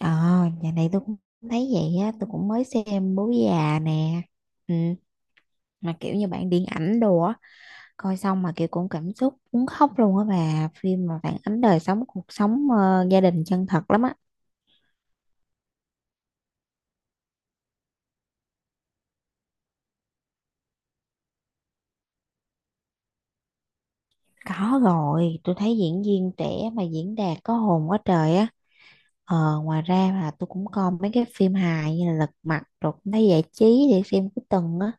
Ờ, nhà này tôi cũng thấy vậy á, tôi cũng mới xem Bố Già nè. Ừ, mà kiểu như bạn điện ảnh đồ á, coi xong mà kiểu cũng cảm xúc muốn khóc luôn á bà, phim mà phản ánh đời sống cuộc sống gia đình chân thật lắm á. Có rồi, tôi thấy diễn viên trẻ mà diễn đạt có hồn quá trời á. Ờ, ngoài ra là tôi cũng coi mấy cái phim hài như là Lật Mặt rồi cũng thấy giải trí để xem cuối tuần á.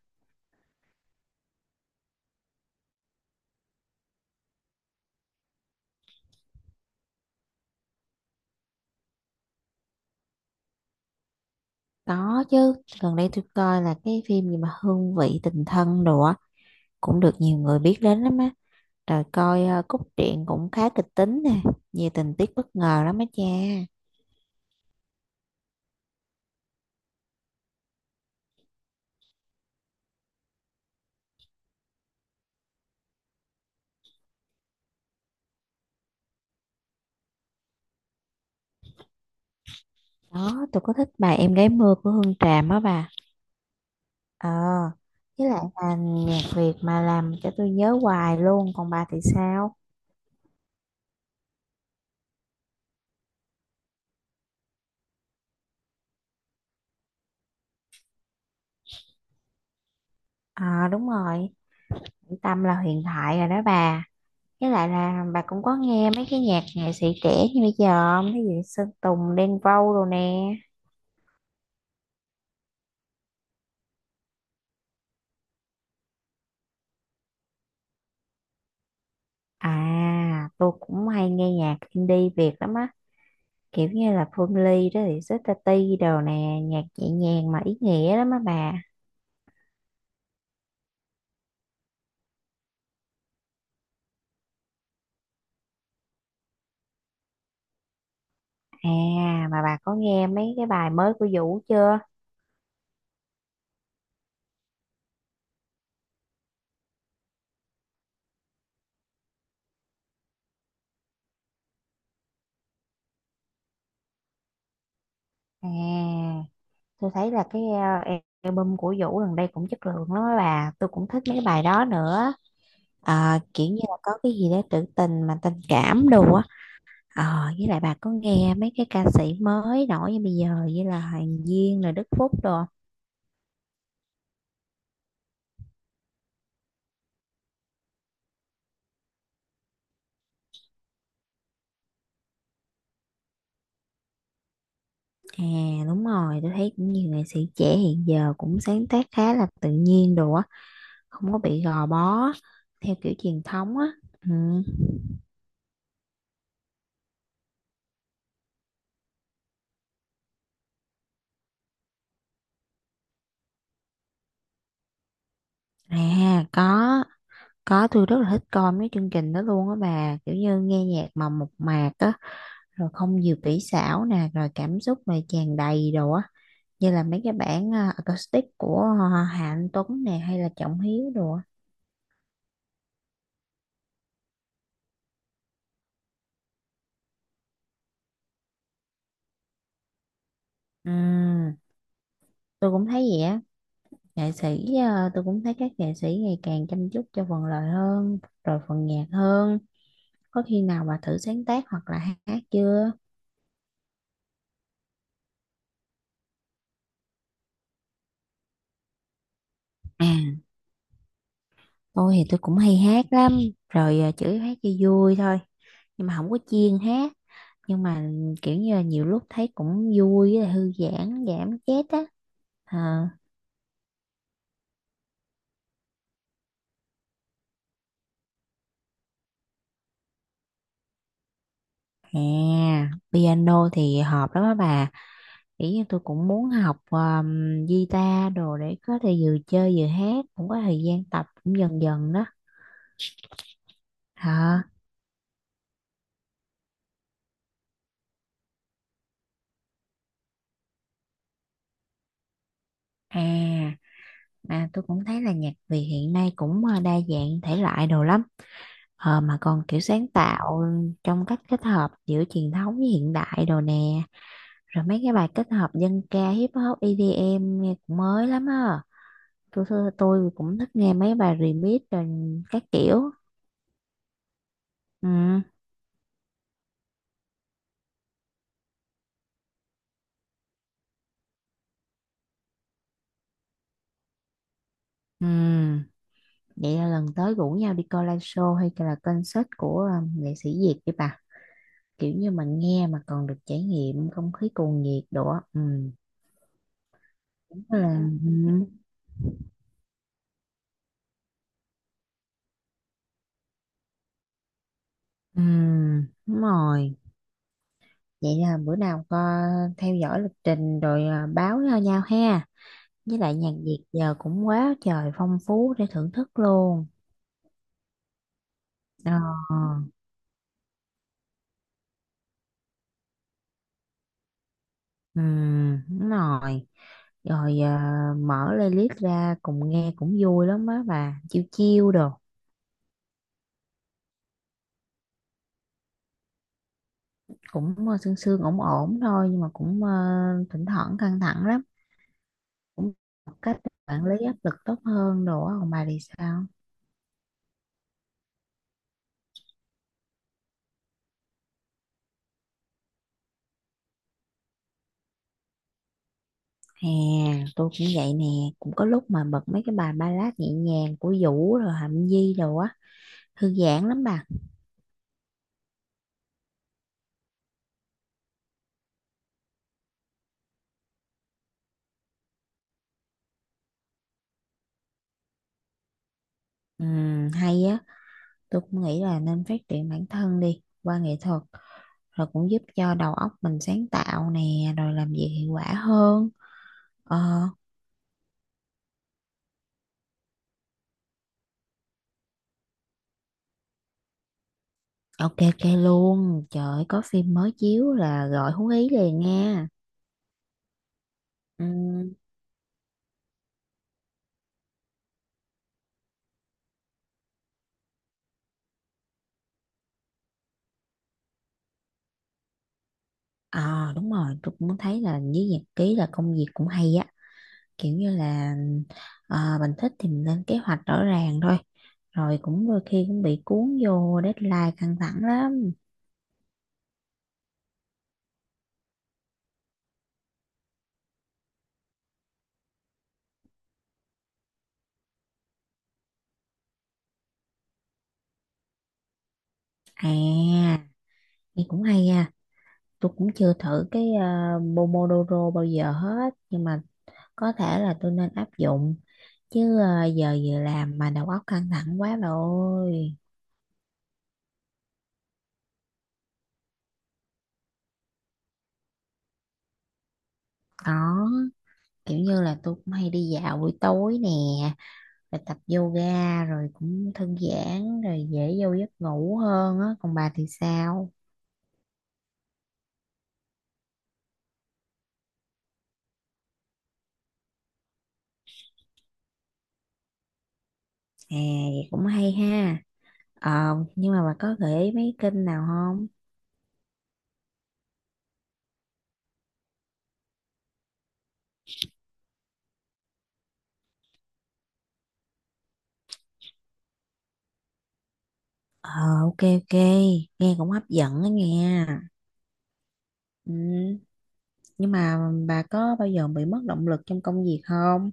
Có chứ, gần đây tôi coi là cái phim gì mà Hương vị tình thân đồ á, cũng được nhiều người biết đến lắm á. Rồi coi cốt truyện cũng khá kịch tính nè, nhiều tình tiết bất ngờ lắm á cha. Đó, tôi có thích bài Em gái mưa của Hương Tràm á bà. Ờ, với lại là nhạc Việt mà làm cho tôi nhớ hoài luôn, còn bà thì sao? Ờ đúng rồi, Tâm là huyền thoại rồi đó bà. Với lại là bà cũng có nghe mấy cái nhạc nghệ sĩ trẻ như bây giờ không? Cái gì Sơn Tùng, Đen Vâu đồ nè. À, tôi cũng hay nghe nhạc indie Việt lắm á. Kiểu như là Phương Ly đó thì Sister T đồ nè, nhạc nhẹ nhàng mà ý nghĩa lắm á bà. À mà bà có nghe mấy cái bài mới của Vũ chưa? À tôi thấy là album của Vũ gần đây cũng chất lượng lắm á bà, tôi cũng thích mấy cái bài đó nữa. Ờ, kiểu như là có cái gì đó trữ tình mà tình cảm đồ á. Ờ, với lại bà có nghe mấy cái ca sĩ mới nổi như bây giờ như là Hoàng Duyên rồi Đức Phúc đồ. À đúng rồi, tôi thấy cũng nhiều nghệ sĩ trẻ hiện giờ cũng sáng tác khá là tự nhiên đồ á, không có bị gò bó theo kiểu truyền thống á. Ừ. À có tôi rất là thích coi mấy chương trình đó luôn á bà, kiểu như nghe nhạc mà mộc mạc á, rồi không nhiều kỹ xảo nè, rồi cảm xúc này tràn đầy đồ á, như là mấy cái bản acoustic của Hà Anh Tuấn nè hay là Trọng Hiếu đồ á. Ừ, tôi cũng thấy vậy á. Nghệ sĩ tôi cũng thấy các nghệ sĩ ngày càng chăm chút cho phần lời hơn rồi phần nhạc hơn. Có khi nào bà thử sáng tác hoặc là hát chưa? À, tôi thì tôi cũng hay hát lắm, rồi chủ yếu hát cho vui thôi, nhưng mà không có chuyên hát, nhưng mà kiểu như là nhiều lúc thấy cũng vui với lại thư giãn, giảm stress á. À, à, piano thì hợp lắm á bà, kiểu như tôi cũng muốn học guitar đồ để có thể vừa chơi vừa hát, cũng có thời gian tập cũng dần dần đó. Hả? À, mà tôi cũng thấy là nhạc Việt hiện nay cũng đa dạng thể loại đồ lắm. Ờ, mà còn kiểu sáng tạo trong cách kết hợp giữa truyền thống với hiện đại đồ nè. Rồi mấy cái bài kết hợp dân ca, hip hop, EDM nghe cũng mới lắm á. Tôi cũng thích nghe mấy bài remix rồi các kiểu. Ừ, ừ. Vậy là lần tới rủ nhau đi coi live show hay là concert của nghệ sĩ Việt đi bà. Kiểu như mà nghe mà còn được trải nghiệm không khí cuồng nhiệt đồ á. Ừ. Ừ. Ừ, đúng rồi. Vậy là bữa nào có theo dõi lịch trình rồi báo cho nhau ha. Với lại nhạc Việt giờ cũng quá trời phong phú để thưởng thức luôn. Ờ, ừ, đúng rồi. Rồi mở playlist ra cùng nghe cũng vui lắm á bà. Chiêu chiêu đồ. Cũng sương sương ổn ổn thôi nhưng mà cũng thỉnh thoảng căng thẳng lắm. Cũng một cách để quản lý áp lực tốt hơn đồ á. Còn bà thì sao? À, tôi cũng vậy nè, cũng có lúc mà bật mấy cái bài ballad nhẹ nhàng của Vũ rồi Hạnh Nhi rồi á, thư giãn lắm bà. Hay á, tôi cũng nghĩ là nên phát triển bản thân đi qua nghệ thuật, rồi cũng giúp cho đầu óc mình sáng tạo nè, rồi làm việc hiệu quả hơn. Ờ, ok ok luôn, trời ơi, có phim mới chiếu là gọi Hú Ý liền nha. Ừm, à đúng rồi, tôi cũng thấy là với nhật ký là công việc cũng hay á. Kiểu như là mình thích thì mình lên kế hoạch rõ ràng thôi, rồi cũng đôi khi cũng bị cuốn vô deadline căng thẳng lắm. À nghe cũng hay nha, tôi cũng chưa thử Pomodoro bao giờ hết nhưng mà có thể là tôi nên áp dụng, chứ giờ vừa làm mà đầu óc căng thẳng quá rồi ôi. Có, kiểu như là tôi cũng hay đi dạo buổi tối nè, rồi tập yoga rồi cũng thư giãn rồi dễ vô giấc ngủ hơn á, còn bà thì sao? À vậy cũng hay ha. Ờ nhưng mà bà có gợi ý mấy kênh nào không? Ờ ok ok, nghe cũng hấp dẫn đó nghe. Ừ, nhưng mà bà có bao giờ bị mất động lực trong công việc không?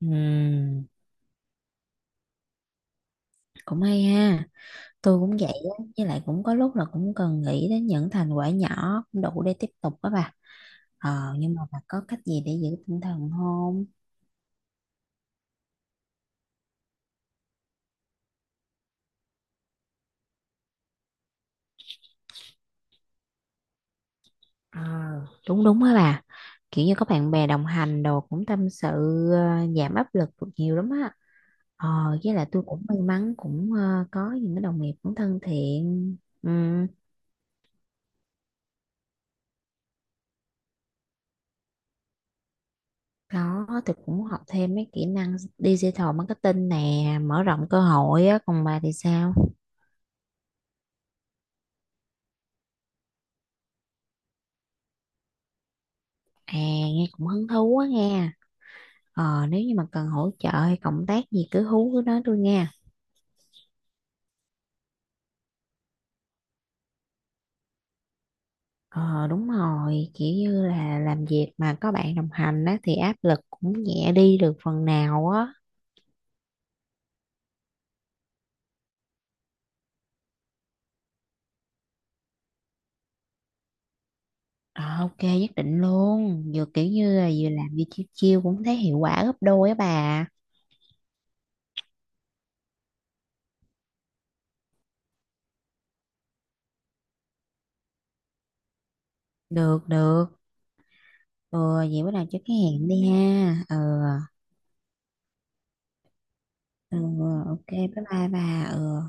Ừ, cũng hay ha. Tôi cũng vậy á, với lại cũng có lúc là cũng cần nghĩ đến những thành quả nhỏ cũng đủ để tiếp tục đó bà. Ờ nhưng mà bà có cách gì để giữ tinh thần không? Ờ, đúng đúng á bà, kiểu như có bạn bè đồng hành đồ cũng tâm sự, giảm áp lực được nhiều lắm á. Ờ với lại tôi cũng may mắn cũng có những cái đồng nghiệp cũng thân thiện. Ừ, đó tôi cũng học thêm mấy kỹ năng digital marketing nè, mở rộng cơ hội á, còn bà thì sao? À nghe cũng hứng thú quá nghe. Ờ nếu như mà cần hỗ trợ hay cộng tác gì cứ hú cứ nói tôi nghe. Ờ đúng rồi, kiểu như là làm việc mà có bạn đồng hành á thì áp lực cũng nhẹ đi được phần nào á. Ờ, ok nhất định luôn, vừa kiểu như là vừa làm vừa chiêu chiêu cũng thấy hiệu quả gấp đôi á bà. Được được, ừ, vậy bữa nào cho cái hẹn đi ha. Ừ, ừ ừ, ok bye bye bà. Ừ.